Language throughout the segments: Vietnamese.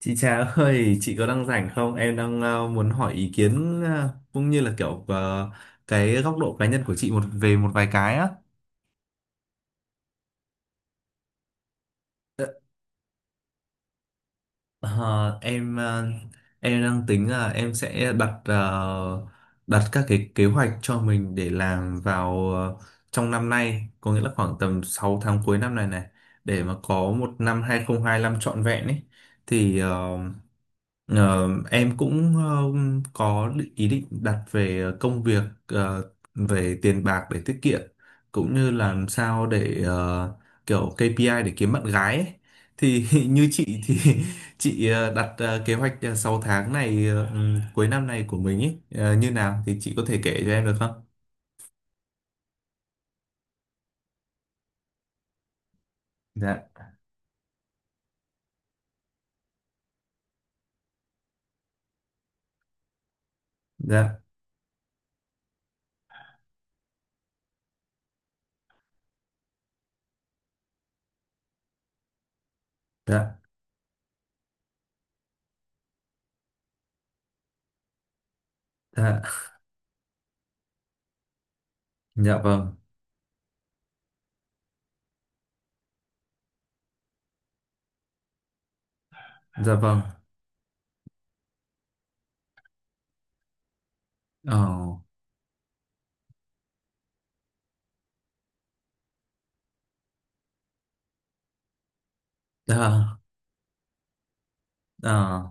Chị Trà ơi, chị có đang rảnh không? Em đang muốn hỏi ý kiến cũng như là kiểu cái góc độ cá nhân của chị một về một vài cái á. Ờ, ờ, em ờ, em đang tính là em sẽ đặt đặt các cái kế hoạch cho mình để làm vào trong năm nay, có nghĩa là khoảng tầm 6 tháng cuối năm này này để mà có một năm hai không hai lăm trọn vẹn ấy. Thì ờ, Ờ, em cũng ờ, Có ý định đặt về công việc, về tiền bạc để tiết kiệm, cũng như làm sao để kiểu KPI để kiếm bạn gái ấy. Thì như chị thì chị đặt kế hoạch 6 tháng này cuối năm này của mình ấy như nào thì chị có thể kể cho em được không? Dạ, dạ, dạ, dạ, dạ vâng, dạ vâng. Ờ, dạ, ờ.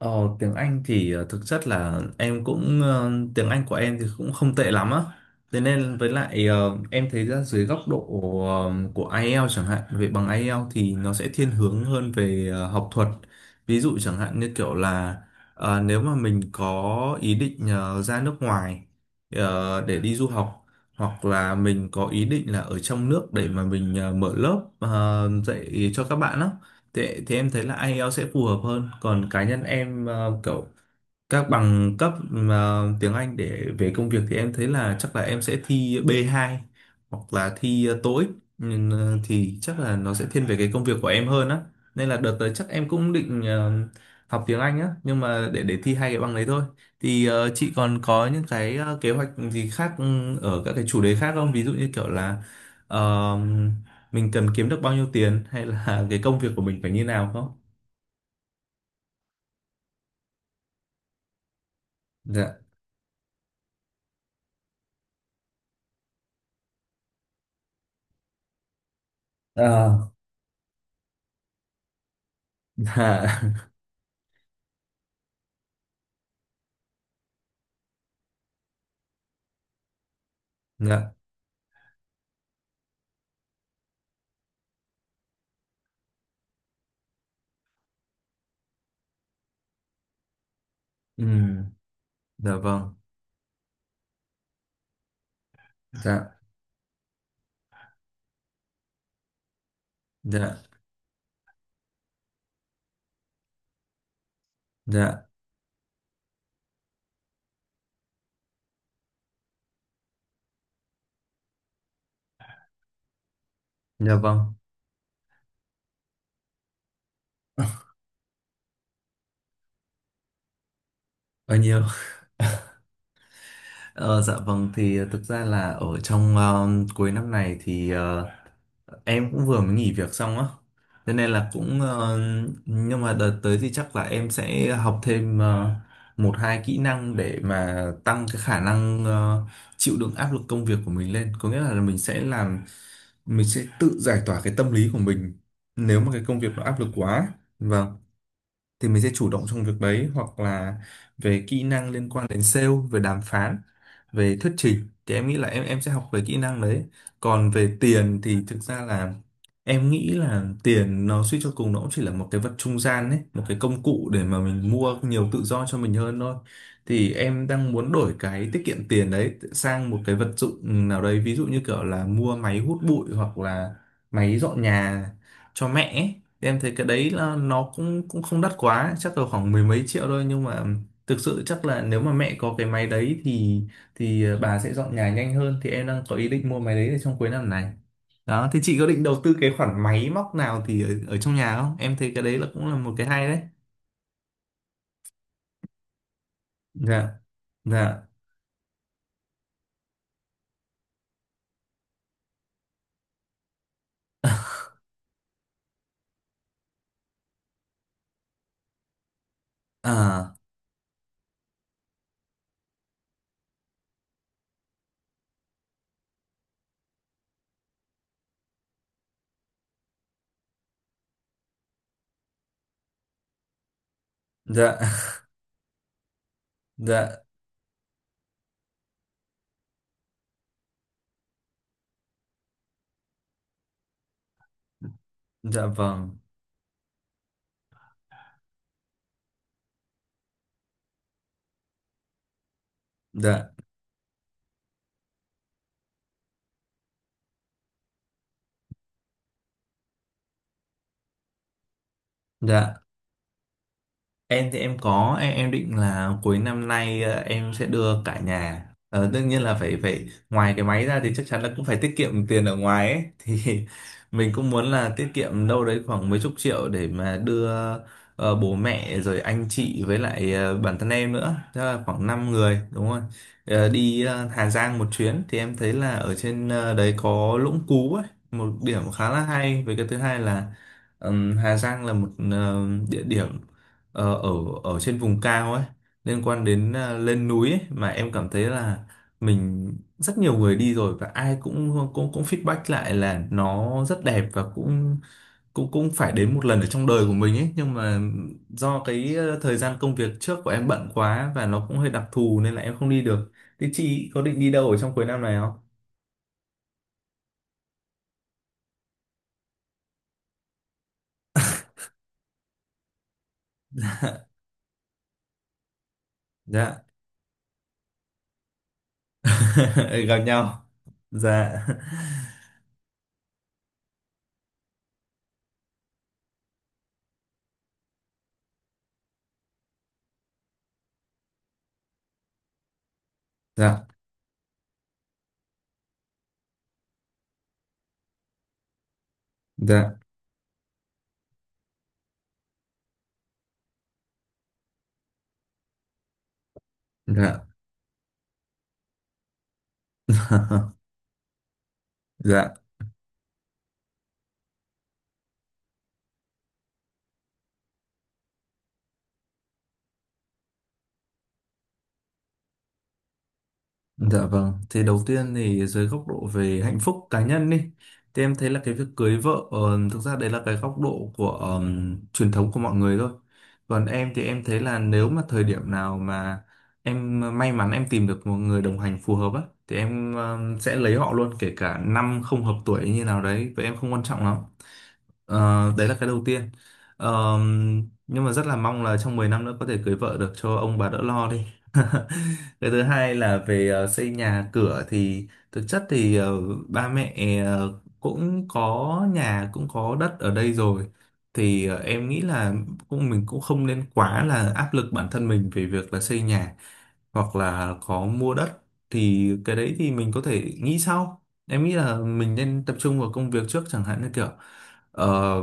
Ờ, Tiếng Anh thì thực chất là em cũng, tiếng Anh của em thì cũng không tệ lắm á. Thế nên với lại, em thấy ra dưới góc độ của IELTS chẳng hạn, về bằng IELTS thì nó sẽ thiên hướng hơn về học thuật. Ví dụ chẳng hạn như kiểu là nếu mà mình có ý định ra nước ngoài để đi du học, hoặc là mình có ý định là ở trong nước để mà mình mở lớp dạy cho các bạn á. Thế, thì em thấy là IELTS sẽ phù hợp hơn, còn cá nhân em kiểu các bằng cấp mà tiếng Anh để về công việc thì em thấy là chắc là em sẽ thi B2 hoặc là thi TOEIC, nhưng thì chắc là nó sẽ thiên về cái công việc của em hơn á, nên là đợt tới chắc em cũng định học tiếng Anh á, nhưng mà để thi hai cái bằng đấy thôi. Thì chị còn có những cái kế hoạch gì khác, ở các cái chủ đề khác không, ví dụ như kiểu là ờ, mình cần kiếm được bao nhiêu tiền hay là cái công việc của mình phải như nào không? Dạ. Ờ. Dạ. Dạ. Ừ. Dạ vâng, dạ, dạ, dạ, dạ vâng, bao nhiêu? Ờ, dạ vâng, thì thực ra là ở trong cuối năm này thì em cũng vừa mới nghỉ việc xong á, cho nên là cũng, ờ, nhưng mà đợt tới thì chắc là em sẽ học thêm một hai kỹ năng để mà tăng cái khả năng chịu đựng áp lực công việc của mình lên, có nghĩa là mình sẽ tự giải tỏa cái tâm lý của mình nếu mà cái công việc nó áp lực quá. Vâng. Thì mình sẽ chủ động trong việc đấy, hoặc là về kỹ năng liên quan đến sale, về đàm phán, về thuyết trình thì em nghĩ là em sẽ học về kỹ năng đấy. Còn về tiền thì thực ra là em nghĩ là tiền nó suy cho cùng nó cũng chỉ là một cái vật trung gian đấy, một cái công cụ để mà mình mua nhiều tự do cho mình hơn thôi, thì em đang muốn đổi cái tiết kiệm tiền đấy sang một cái vật dụng nào đấy, ví dụ như kiểu là mua máy hút bụi hoặc là máy dọn nhà cho mẹ ấy. Em thấy cái đấy là nó cũng cũng không đắt quá, chắc là khoảng mười mấy triệu thôi, nhưng mà thực sự chắc là nếu mà mẹ có cái máy đấy thì bà sẽ dọn nhà nhanh hơn, thì em đang có ý định mua máy đấy để trong cuối năm này. Đó thì chị có định đầu tư cái khoản máy móc nào ở trong nhà không? Em thấy cái đấy là cũng là một cái hay đấy. Dạ. Dạ. À. Dạ. Dạ. Dạ vâng. Dạ. Dạ. Em thì em định là cuối năm nay em sẽ đưa cả nhà, đương nhiên là phải phải ngoài cái máy ra thì chắc chắn là cũng phải tiết kiệm tiền ở ngoài ấy thì mình cũng muốn là tiết kiệm đâu đấy khoảng mấy chục triệu để mà đưa bố mẹ rồi anh chị với lại bản thân em nữa, tức là khoảng 5 người đúng không. Ờ, đi Hà Giang một chuyến, thì em thấy là ở trên đấy có Lũng Cú ấy, một điểm khá là hay. Với cái thứ hai là, ừm, Hà Giang là một địa điểm ờ, ở ở trên vùng cao ấy, liên quan đến à, lên núi ấy, mà em cảm thấy là mình rất nhiều người đi rồi và ai cũng cũng cũng feedback lại là nó rất đẹp, và cũng cũng cũng phải đến một lần ở trong đời của mình ấy, nhưng mà do cái thời gian công việc trước của em bận quá và nó cũng hơi đặc thù nên là em không đi được. Thế chị có định đi đâu ở trong cuối năm này không? Dạ. Gặp nhau. Dạ. Dạ. Dạ. Dạ. Dạ. Dạ vâng, thì đầu tiên thì dưới góc độ về hạnh phúc cá nhân đi, thì em thấy là cái việc cưới vợ thực ra đấy là cái góc độ của truyền thống của mọi người thôi. Còn em thì em thấy là nếu mà thời điểm nào mà em may mắn em tìm được một người đồng hành phù hợp á, thì em sẽ lấy họ luôn, kể cả năm không hợp tuổi như nào đấy, vậy em không quan trọng lắm. Ờ, đấy là cái đầu tiên. Ờ, nhưng mà rất là mong là trong 10 năm nữa có thể cưới vợ được cho ông bà đỡ lo đi. Cái thứ hai là về xây nhà cửa, thì thực chất thì ba mẹ ờ, cũng có nhà cũng có đất ở đây rồi. Thì em nghĩ là mình cũng không nên quá là áp lực bản thân mình về việc là xây nhà hoặc là có mua đất, thì cái đấy thì mình có thể nghĩ sau. Em nghĩ là mình nên tập trung vào công việc trước, chẳng hạn như kiểu, ờ,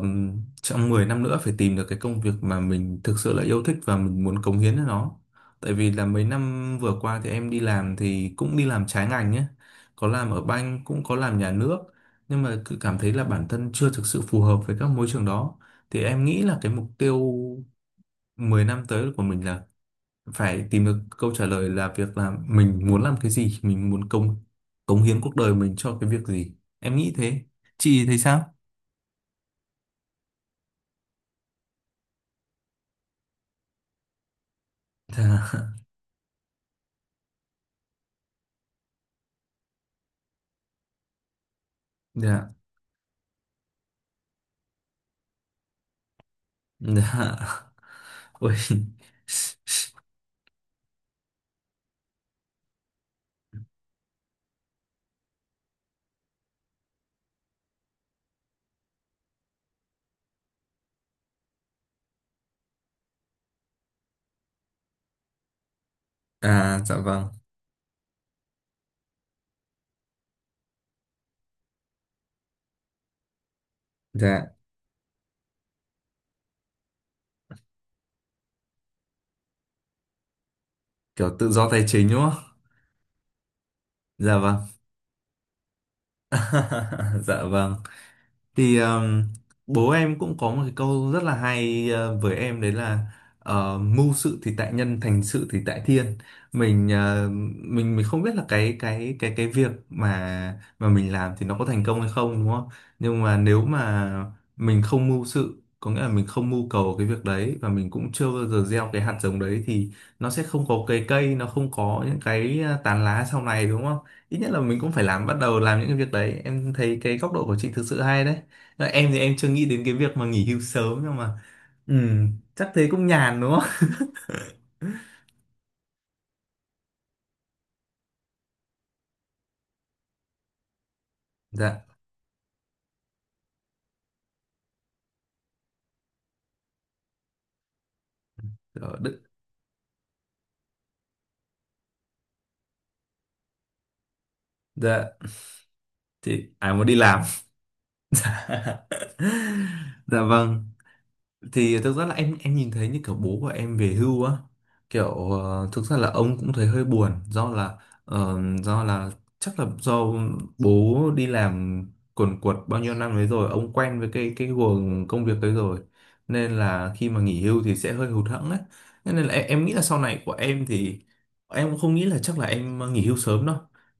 trong 10 năm nữa phải tìm được cái công việc mà mình thực sự là yêu thích và mình muốn cống hiến cho nó. Tại vì là mấy năm vừa qua thì em đi làm thì cũng đi làm trái ngành nhé. Có làm ở banh cũng có làm nhà nước, nhưng mà cứ cảm thấy là bản thân chưa thực sự phù hợp với các môi trường đó. Thì em nghĩ là cái mục tiêu 10 năm tới của mình là phải tìm được câu trả lời là việc là mình muốn làm cái gì, mình muốn cống cống hiến cuộc đời mình cho cái việc gì. Em nghĩ thế. Chị thấy sao? Dạ. Dạ. Dạ. Ôi. À dạ vâng. Dạ, kiểu tự do tài chính đúng không? Dạ vâng. Dạ vâng. Thì bố em cũng có một cái câu rất là hay với em đấy là mưu sự thì tại nhân, thành sự thì tại thiên. Mình ờ, mình không biết là cái việc mà mình làm thì nó có thành công hay không đúng không? Nhưng mà nếu mà mình không mưu sự, có nghĩa là mình không mưu cầu cái việc đấy và mình cũng chưa bao giờ gieo cái hạt giống đấy, thì nó sẽ không có cái cây, nó không có những cái tán lá sau này đúng không? Ít nhất là mình cũng phải làm, bắt đầu làm những cái việc đấy. Em thấy cái góc độ của chị thực sự hay đấy. Dạ, em thì em chưa nghĩ đến cái việc mà nghỉ hưu sớm, nhưng mà ừ, chắc thế cũng nhàn đúng không? Dạ. Rồi, đ- dạ, thì ai muốn đi làm? Dạ vâng. Thì thực ra là em nhìn thấy như kiểu bố của em về hưu á, kiểu thực ra là ông cũng thấy hơi buồn, do là ờ, do là chắc là do bố đi làm quần quật bao nhiêu năm đấy rồi, ông quen với cái guồng công việc đấy rồi, nên là khi mà nghỉ hưu thì sẽ hơi hụt hẫng đấy. Thế nên là em nghĩ là sau này của em thì em cũng không nghĩ là chắc là em nghỉ hưu sớm đâu.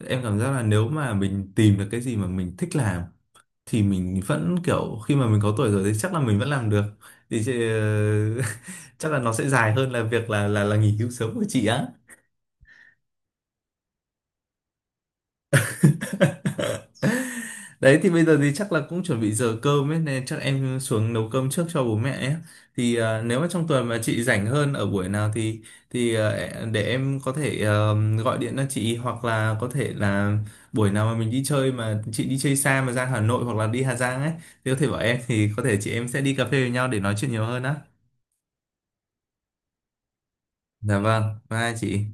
Em cảm giác là nếu mà mình tìm được cái gì mà mình thích làm thì mình vẫn kiểu khi mà mình có tuổi rồi thì chắc là mình vẫn làm được. thì chị- chắc là nó sẽ dài hơn là việc là nghỉ hưu sớm của chị á. Đấy thì bây giờ thì chắc là cũng chuẩn bị giờ cơm ấy, nên chắc em xuống nấu cơm trước cho bố mẹ ấy. Thì à, nếu mà trong tuần mà chị rảnh hơn ở buổi nào thì thì à, để em có thể gọi điện cho chị, hoặc là có thể là buổi nào mà mình đi chơi mà chị đi chơi xa mà ra Hà Nội hoặc là đi Hà Giang ấy thì có thể bảo em, thì có thể chị em sẽ đi cà phê với nhau để nói chuyện nhiều hơn á. Dạ vâng, bye chị.